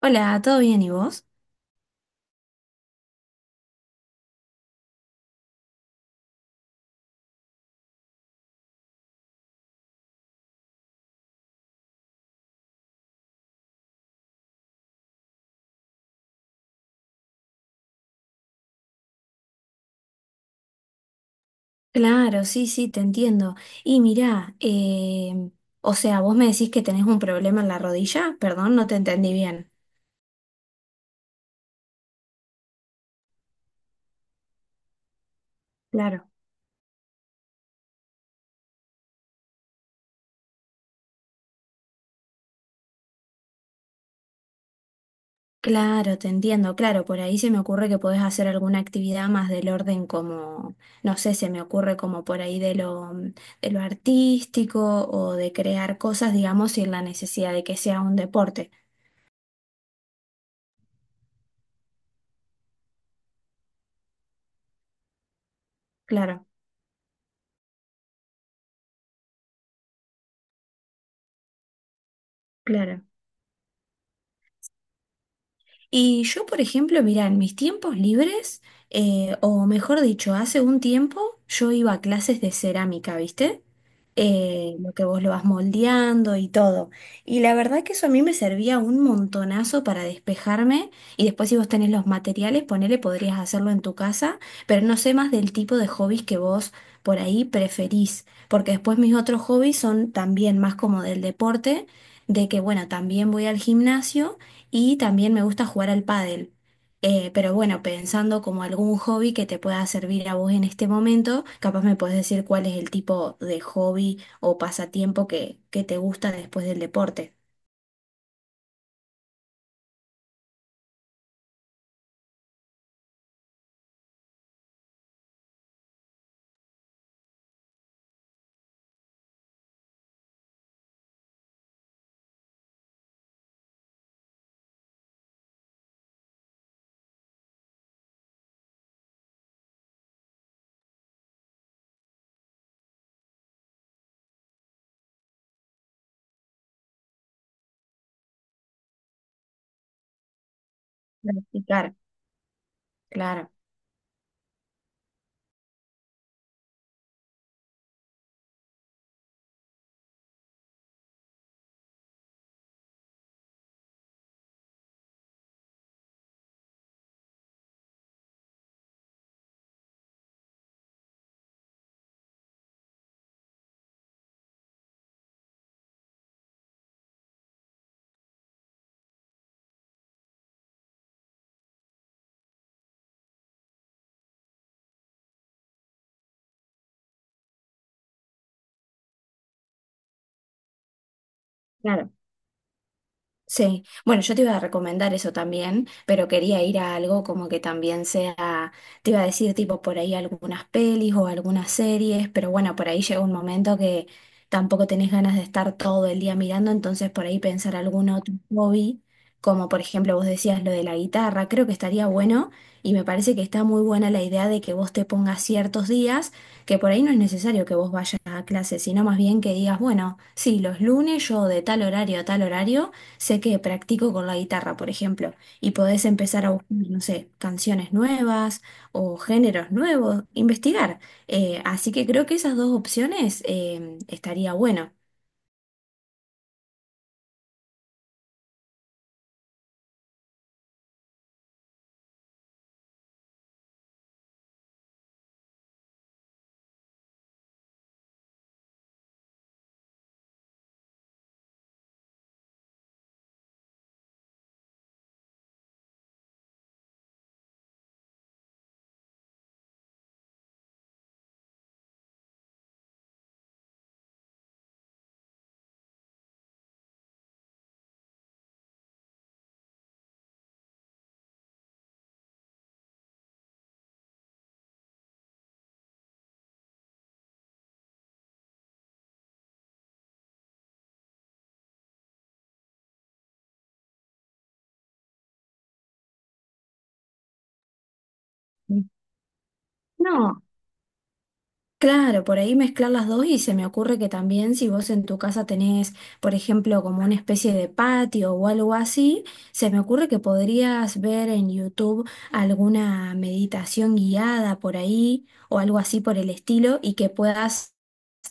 Hola, ¿todo bien y vos? Claro, sí, sí, te entiendo. Y mirá, o sea, vos me decís que tenés un problema en la rodilla, perdón, no te entendí bien. Claro. Claro, te entiendo, claro, por ahí se me ocurre que podés hacer alguna actividad más del orden como, no sé, se me ocurre como por ahí de lo artístico o de crear cosas, digamos, sin la necesidad de que sea un deporte. Claro, claro. Y yo, por ejemplo, mirá, en mis tiempos libres, o mejor dicho, hace un tiempo yo iba a clases de cerámica, ¿viste? Eh, lo que vos lo vas moldeando y todo. Y la verdad que eso a mí me servía un montonazo para despejarme y después si vos tenés los materiales, ponele, podrías hacerlo en tu casa, pero no sé más del tipo de hobbies que vos por ahí preferís, porque después mis otros hobbies son también más como del deporte, de que bueno, también voy al gimnasio y también me gusta jugar al pádel. Pero bueno, pensando como algún hobby que te pueda servir a vos en este momento, capaz me podés decir cuál es el tipo de hobby o pasatiempo que te gusta después del deporte. Practicar, claro, claro. Sí, bueno, yo te iba a recomendar eso también, pero quería ir a algo como que también sea, te iba a decir tipo por ahí algunas pelis o algunas series, pero bueno, por ahí llega un momento que tampoco tenés ganas de estar todo el día mirando, entonces por ahí pensar algún otro hobby, como por ejemplo vos decías lo de la guitarra, creo que estaría bueno y me parece que está muy buena la idea de que vos te pongas ciertos días, que por ahí no es necesario que vos vayas a clase, sino más bien que digas, bueno, sí, los lunes yo de tal horario a tal horario sé que practico con la guitarra, por ejemplo, y podés empezar a buscar, no sé, canciones nuevas o géneros nuevos, investigar. Así que creo que esas dos opciones estaría bueno. Mm. No, claro, por ahí mezclar las dos y se me ocurre que también si vos en tu casa tenés, por ejemplo, como una especie de patio o algo así, se me ocurre que podrías ver en YouTube alguna meditación guiada por ahí o algo así por el estilo y que puedas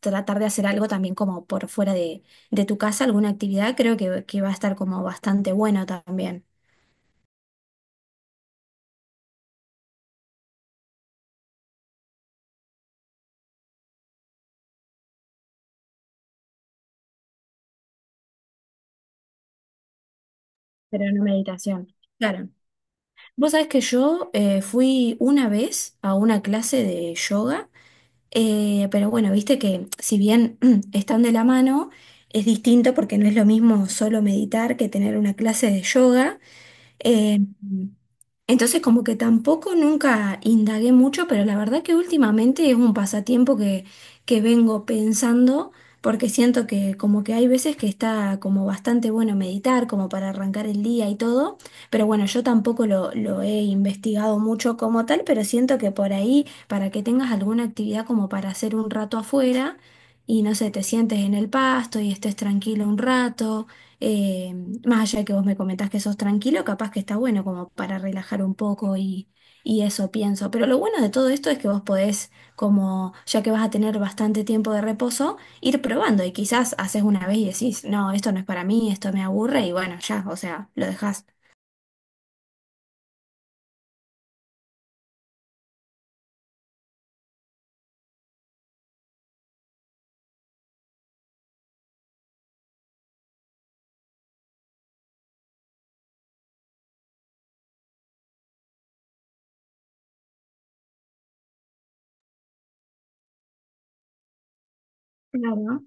tratar de hacer algo también como por fuera de tu casa, alguna actividad, creo que va a estar como bastante bueno también, pero en meditación. Claro. Vos sabés que yo fui una vez a una clase de yoga. Pero bueno, viste que si bien están de la mano, es distinto porque no es lo mismo solo meditar que tener una clase de yoga. Eh, entonces, como que tampoco nunca indagué mucho, pero la verdad que últimamente es un pasatiempo que vengo pensando, porque siento que como que hay veces que está como bastante bueno meditar, como para arrancar el día y todo, pero bueno, yo tampoco lo he investigado mucho como tal, pero siento que por ahí, para que tengas alguna actividad como para hacer un rato afuera, y no sé, te sientes en el pasto y estés tranquilo un rato. Eh, Más allá de que vos me comentás que sos tranquilo, capaz que está bueno como para relajar un poco y eso pienso. Pero lo bueno de todo esto es que vos podés, como ya que vas a tener bastante tiempo de reposo, ir probando y quizás haces una vez y decís, no, esto no es para mí, esto me aburre y bueno, ya, o sea, lo dejás. Claro.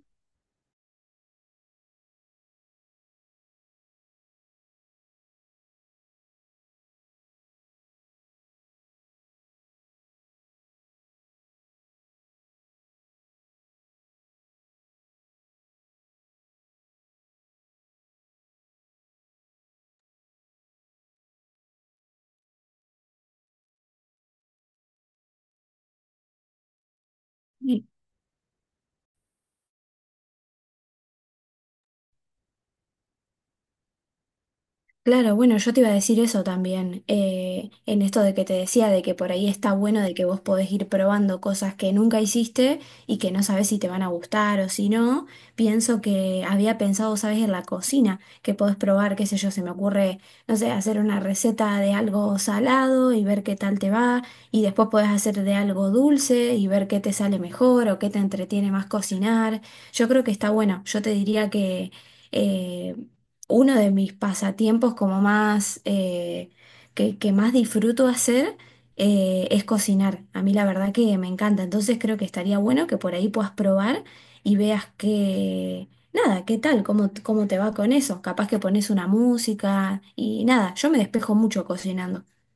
Claro, bueno, yo te iba a decir eso también, en esto de que te decía, de que por ahí está bueno de que vos podés ir probando cosas que nunca hiciste y que no sabés si te van a gustar o si no. Pienso que había pensado, sabes, en la cocina, que podés probar, qué sé yo, se me ocurre, no sé, hacer una receta de algo salado y ver qué tal te va, y después podés hacer de algo dulce y ver qué te sale mejor o qué te entretiene más cocinar. Yo creo que está bueno, yo te diría que... eh, uno de mis pasatiempos como más que más disfruto hacer es cocinar. A mí la verdad que me encanta. Entonces creo que estaría bueno que por ahí puedas probar y veas que, nada, qué tal, cómo, cómo te va con eso. Capaz que pones una música y nada, yo me despejo mucho cocinando.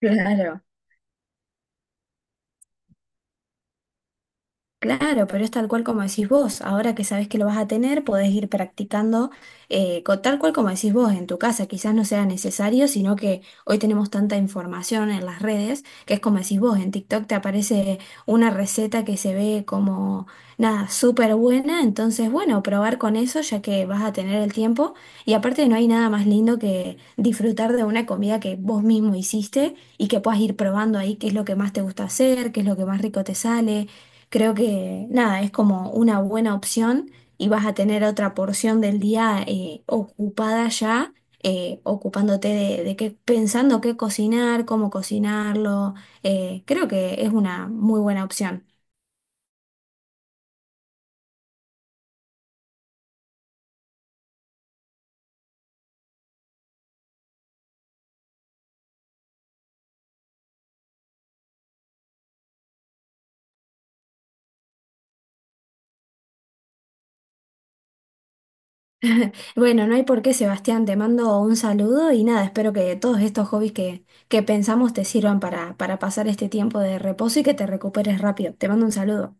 Claro. Claro, pero es tal cual como decís vos. Ahora que sabés que lo vas a tener, podés ir practicando tal cual como decís vos en tu casa. Quizás no sea necesario, sino que hoy tenemos tanta información en las redes que es como decís vos. En TikTok te aparece una receta que se ve como nada, súper buena. Entonces, bueno, probar con eso ya que vas a tener el tiempo. Y aparte no hay nada más lindo que disfrutar de una comida que vos mismo hiciste y que puedas ir probando ahí qué es lo que más te gusta hacer, qué es lo que más rico te sale. Creo que nada, es como una buena opción y vas a tener otra porción del día ocupada ya, ocupándote de qué, pensando qué cocinar, cómo cocinarlo. Eh, creo que es una muy buena opción. Bueno, no hay por qué, Sebastián, te mando un saludo y nada, espero que todos estos hobbies que pensamos te sirvan para pasar este tiempo de reposo y que te recuperes rápido. Te mando un saludo.